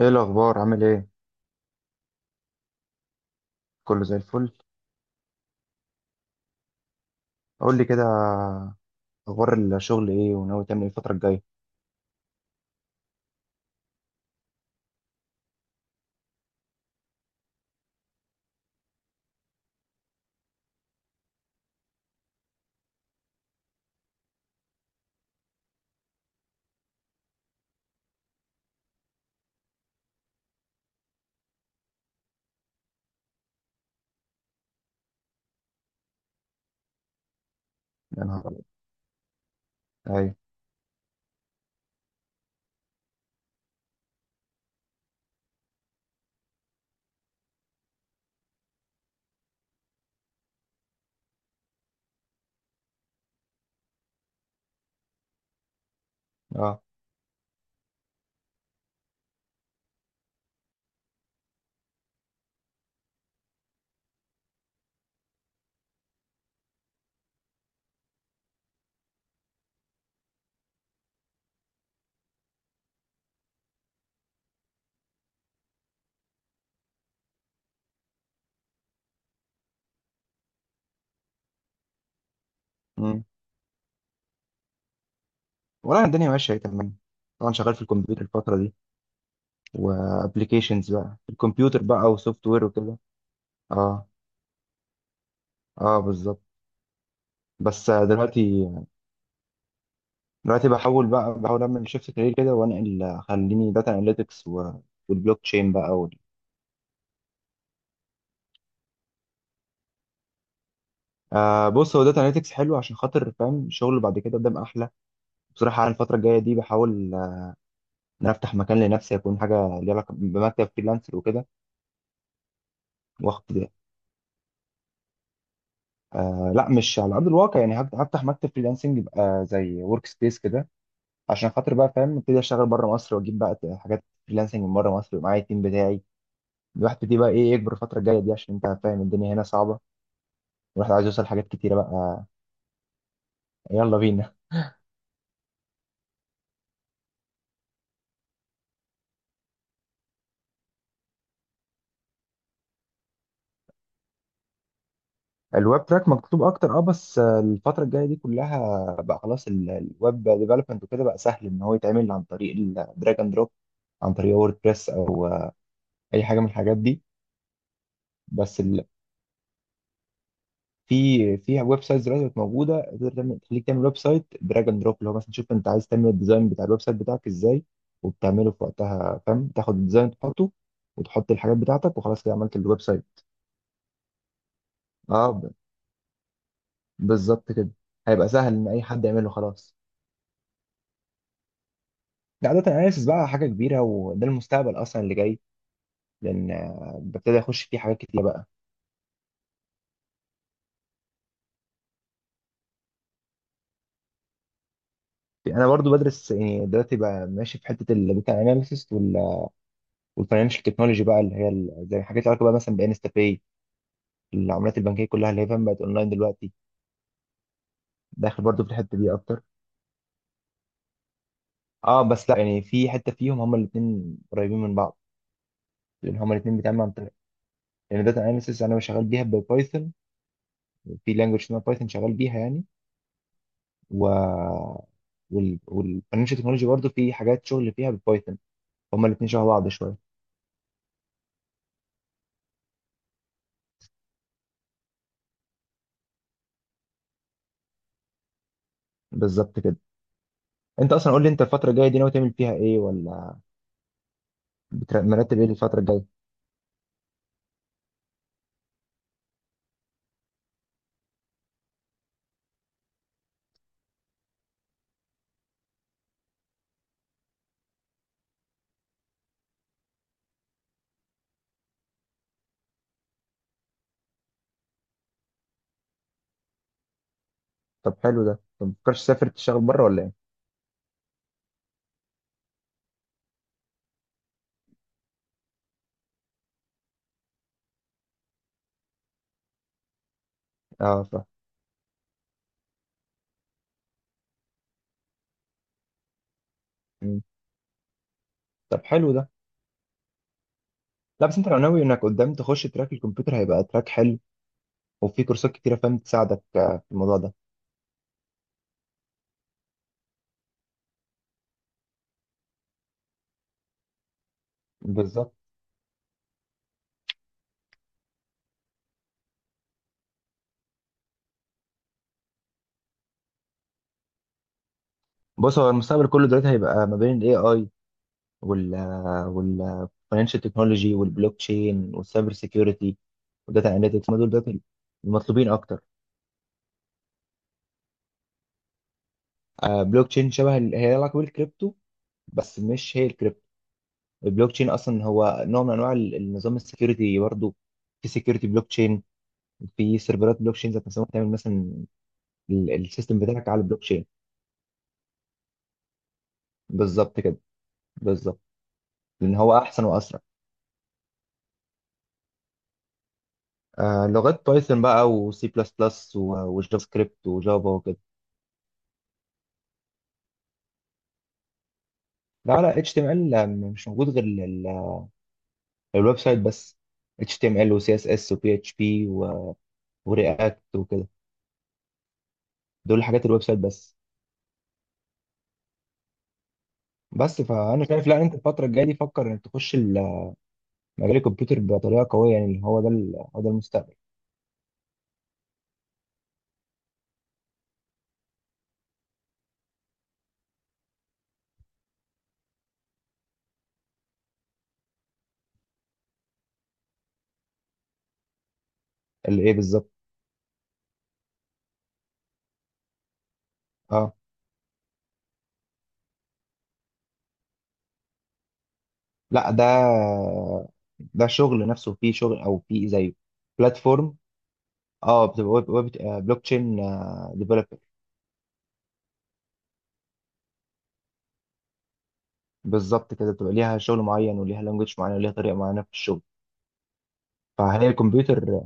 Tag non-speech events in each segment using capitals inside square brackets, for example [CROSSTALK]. ايه الاخبار عامل ايه؟ كله زي الفل. قول لي كده، اخبار الشغل ايه وناوي تعمل ايه الفتره الجايه؟ يا نهار أبيض. ايوه. اه. امم والله الدنيا ماشيه اهي تمام. طبعا شغال في الكمبيوتر الفتره دي، وابلكيشنز بقى في الكمبيوتر بقى وسوفت وير وكده. اه. اه بالظبط. بس دلوقتي دلوقتي بحاول بقى، بحاول اعمل شيفت كارير كده وانقل خليني داتا اناليتكس والبلوك تشين بقى آه بص، هو داتا اناليتكس حلو عشان خاطر فاهم الشغل بعد كده قدام احلى. بصراحه أنا الفتره الجايه دي بحاول ان انا افتح مكان لنفسي يكون حاجه ليها علاقه بمكتب فريلانسر وكده. واخد، آه لا مش على ارض الواقع، يعني هفتح مكتب فريلانسنج يبقى زي ورك سبيس كده، عشان خاطر بقى فاهم ابتدي اشتغل بره مصر واجيب بقى حاجات فريلانسنج من بره مصر ومعايا التيم بتاعي. الواحد بيبتدي بقى ايه، يكبر الفتره الجايه دي، عشان انت فاهم الدنيا هنا صعبه، والواحد عايز يوصل لحاجات كتيره بقى. يلا بينا. الويب تراك مكتوب اكتر، اه، بس الفتره الجايه دي كلها بقى خلاص الويب ديفلوبمنت وكده بقى سهل ان هو يتعمل عن طريق الدراج اند دروب، عن طريق ووردبريس او اي حاجه من الحاجات دي. بس ال... في ويب سايتس دلوقتي بقت موجوده، تقدر تعمل، تخليك تعمل ويب سايت دراج اند دروب، اللي هو مثلا تشوف انت عايز تعمل الديزاين بتاع الويب سايت بتاعك ازاي، وبتعمله في وقتها فاهم، تاخد الديزاين تحطه وتحط الحاجات بتاعتك وخلاص كده عملت الويب سايت. اه ب- بالظبط كده، هيبقى سهل ان اي حد يعمله خلاص. ده عاده اناليسيس بقى حاجه كبيره، وده المستقبل اصلا اللي جاي. لان ببتدي اخش فيه حاجات كتير بقى. انا برضو بدرس يعني دلوقتي بقى ماشي في حته الداتا اناليسيس والفاينانشال تكنولوجي بقى، اللي هي زي حاجات علاقه بقى مثلا بانستا باي، العملات البنكيه كلها اللي هي فاهم بقت اونلاين دلوقتي. داخل برضو في الحته دي اكتر. اه بس لا، يعني في حته فيهم هما الاثنين قريبين من بعض، لان هما الاثنين بيتعملوا عن طريق، يعني داتا اناليسيس انا شغال بيها ببايثون، في لانجوج اسمها بايثون شغال بيها يعني، و والفاينانشال تكنولوجي برضو في حاجات شغل فيها ببايثون. هما الاثنين شبه بعض شويه. بالظبط كده. انت اصلا قول لي انت الفتره الجايه دي ناوي تعمل فيها ايه، ولا مرتب ايه الفتره الجايه؟ طب حلو ده، طب ما تفكرش تسافر تشتغل بره ولا؟ اه فاهم. مم. طب حلو ده. لا بس انت لو ناوي انك قدام تخش تراك الكمبيوتر هيبقى تراك حلو، وفي كورسات كتيره فاهم تساعدك في الموضوع ده. بالظبط. بص هو المستقبل كله دلوقتي هيبقى ما بين الاي اي وال وال financial تكنولوجي والبلوك تشين والسايبر سيكيورتي والداتا اناليتكس. ما دول دلوقتي المطلوبين اكتر. آه، بلوك تشين شبه هي لها علاقه بالكريبتو، بس مش هي الكريبتو. البلوك تشين اصلا هو نوع من انواع النظام السكيورتي برضه. في سكيورتي بلوك تشين، في سيرفرات بلوك تشين ذات نفسها ممكن تعمل مثلا السيستم بتاعك على البلوك تشين. بالظبط كده، بالظبط. لان هو احسن واسرع. آه لغات بايثون بقى وسي بلس بلس وجافا سكريبت وجافا وكده. لا لا، اتش تي ام ال مش موجود غير ال- الويب سايت بس. اتش تي ام ال وسي اس اس وبي اتش بي ورياكت وكده، دول حاجات الويب سايت بس. بس فانا شايف لا، انت الفتره الجايه دي فكر انك تخش مجال الكمبيوتر بطريقه قويه، يعني هو ده هو ده المستقبل. اللي ايه بالظبط؟ اه لا ده، ده شغل نفسه فيه شغل، او فيه زي بلاتفورم. اه بتبقى ويب، ويب بلوك تشين ديفلوبر. بالظبط كده، بتبقى ليها شغل معين وليها لانجوج معين وليها طريقه معينه في الشغل. فهي الكمبيوتر.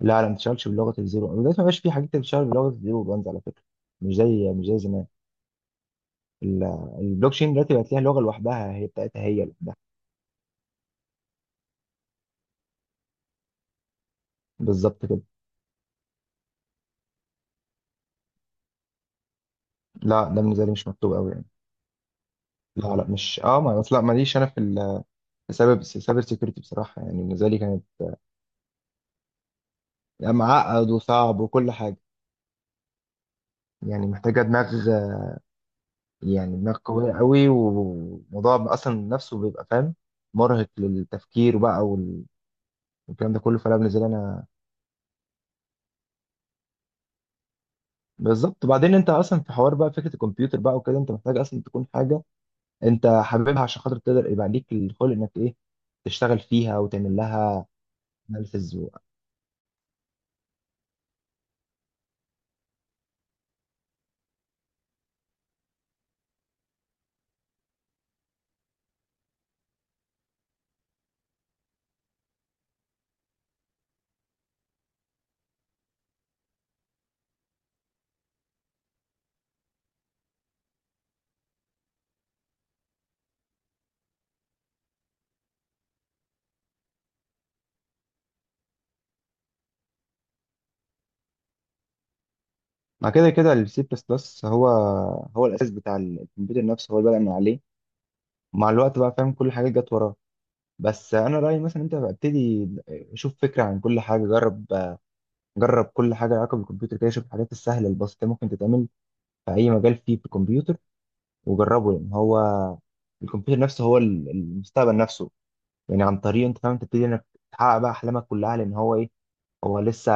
لا لا، ما بتشتغلش بلغه الزيرو دلوقتي، ما بقاش في حاجات بتشتغل بلغه الزيرو وانز على فكره، مش زي زمان. ال- البلوك تشين دلوقتي بقت ليها لغه لوحدها هي بتاعتها هي لوحدها. بالظبط كده. لا ده بالنسبه لي مش مكتوب قوي يعني. لا لا مش اه، ما اصل لا ماليش انا في، السبب السايبر سيكيورتي بصراحه يعني بالنسبه لي كان، لا، معقد وصعب وكل حاجة، يعني محتاجة دماغ، يعني دماغ قوية قوي، والموضوع أصلا نفسه بيبقى فاهم مرهق للتفكير بقى والكلام ده كله، فلا بالنسبة لي أنا. بالظبط. وبعدين أنت أصلا في حوار بقى، فكرة الكمبيوتر بقى وكده، أنت محتاج أصلا تكون حاجة أنت حاببها عشان خاطر تقدر يبقى ليك الخلق إنك إيه، تشتغل فيها وتعمل لها أناليسيز. مع كده كده السي بلس بلس هو، هو الأساس بتاع الكمبيوتر نفسه، هو اللي بدأ من عليه، مع الوقت بقى فاهم كل حاجة جت وراه. بس انا رايي مثلا انت ابتدي، شوف فكره عن كل حاجه، جرب، جرب كل حاجه لها علاقه بالكمبيوتر كده، شوف الحاجات السهله البسيطه ممكن تتعمل في اي مجال فيه في الكمبيوتر، وجربه. لان هو الكمبيوتر نفسه هو المستقبل نفسه، يعني عن طريقه انت فاهم تبتدي انك تحقق بقى احلامك كلها، لان هو ايه، هو لسه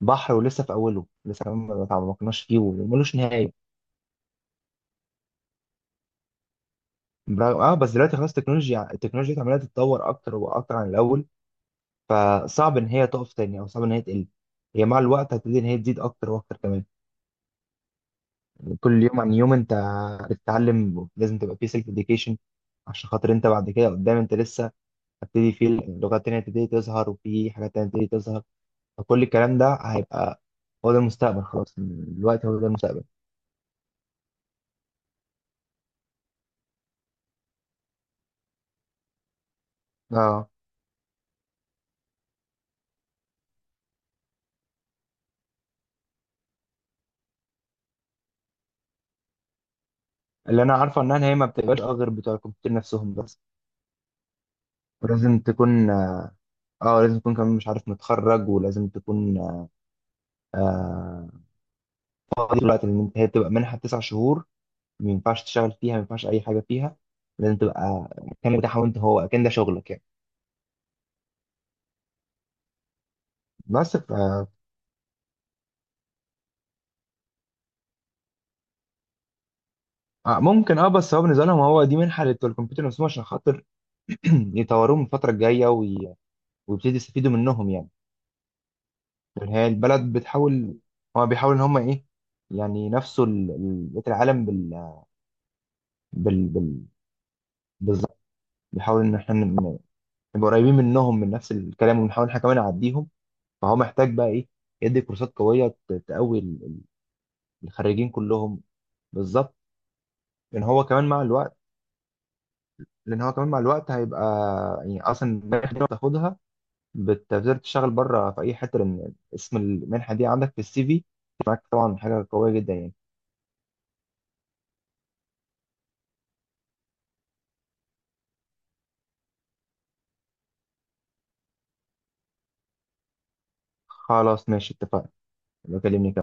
بحر، ولسه في اوله، لسه كمان ما تعمقناش فيه وملوش نهايه. اه بس دلوقتي خلاص التكنولوجيا، التكنولوجيا عماله تتطور اكتر واكتر عن الاول، فصعب ان هي تقف تاني، او صعب ان هي تقل. هي مع الوقت هتبتدي ان هي تزيد اكتر واكتر كمان، كل يوم عن يوم انت بتتعلم، لازم تبقى في سيلف اديوكيشن عشان خاطر انت بعد كده قدام انت لسه هتبتدي في لغات تانية تبتدي تظهر، وفي حاجات تانية تبتدي تظهر، فكل الكلام ده هيبقى، هو ده المستقبل خلاص، الوقت هو ده المستقبل. اه. اللي انا عارفه انها هي ما بتبقاش اه غير بتوع الكمبيوتر نفسهم بس. ولازم تكون اه، لازم تكون كمان مش عارف متخرج، ولازم تكون آه دي دلوقتي، ان انت هي بتبقى منحه 9 شهور، ما ينفعش تشتغل فيها، ما ينفعش اي حاجه فيها، لازم تبقى مكانك بتاعها وانت هو اكن ده شغلك يعني. بس ف ممكن، اه بس هو بالنسبه لهم هو دي منحه لبتوع الكمبيوتر نفسهم عشان خاطر [CLEARS THROAT] يطوروهم الفتره الجايه ويبتدي يستفيدوا منهم يعني. لأن هي البلد بتحاول، هو بيحاول ان هم ايه، يعني نفسوا بقيه العالم بال بالظبط. بيحاول ان احنا نبقى قريبين منهم من نفس الكلام، ونحاول احنا كمان نعديهم. فهو محتاج بقى ايه، يدي كورسات قويه تقوي الخريجين كلهم. بالظبط. لان هو كمان مع الوقت لان هو كمان مع الوقت هيبقى، يعني اصلا المنحه دي لو بتاخدها بتقدر تشتغل بره في اي حته، لان اسم المنحه دي عندك في CV معاك طبعا حاجه قويه جدا يعني. خلاص ماشي اتفقنا. بكلمني.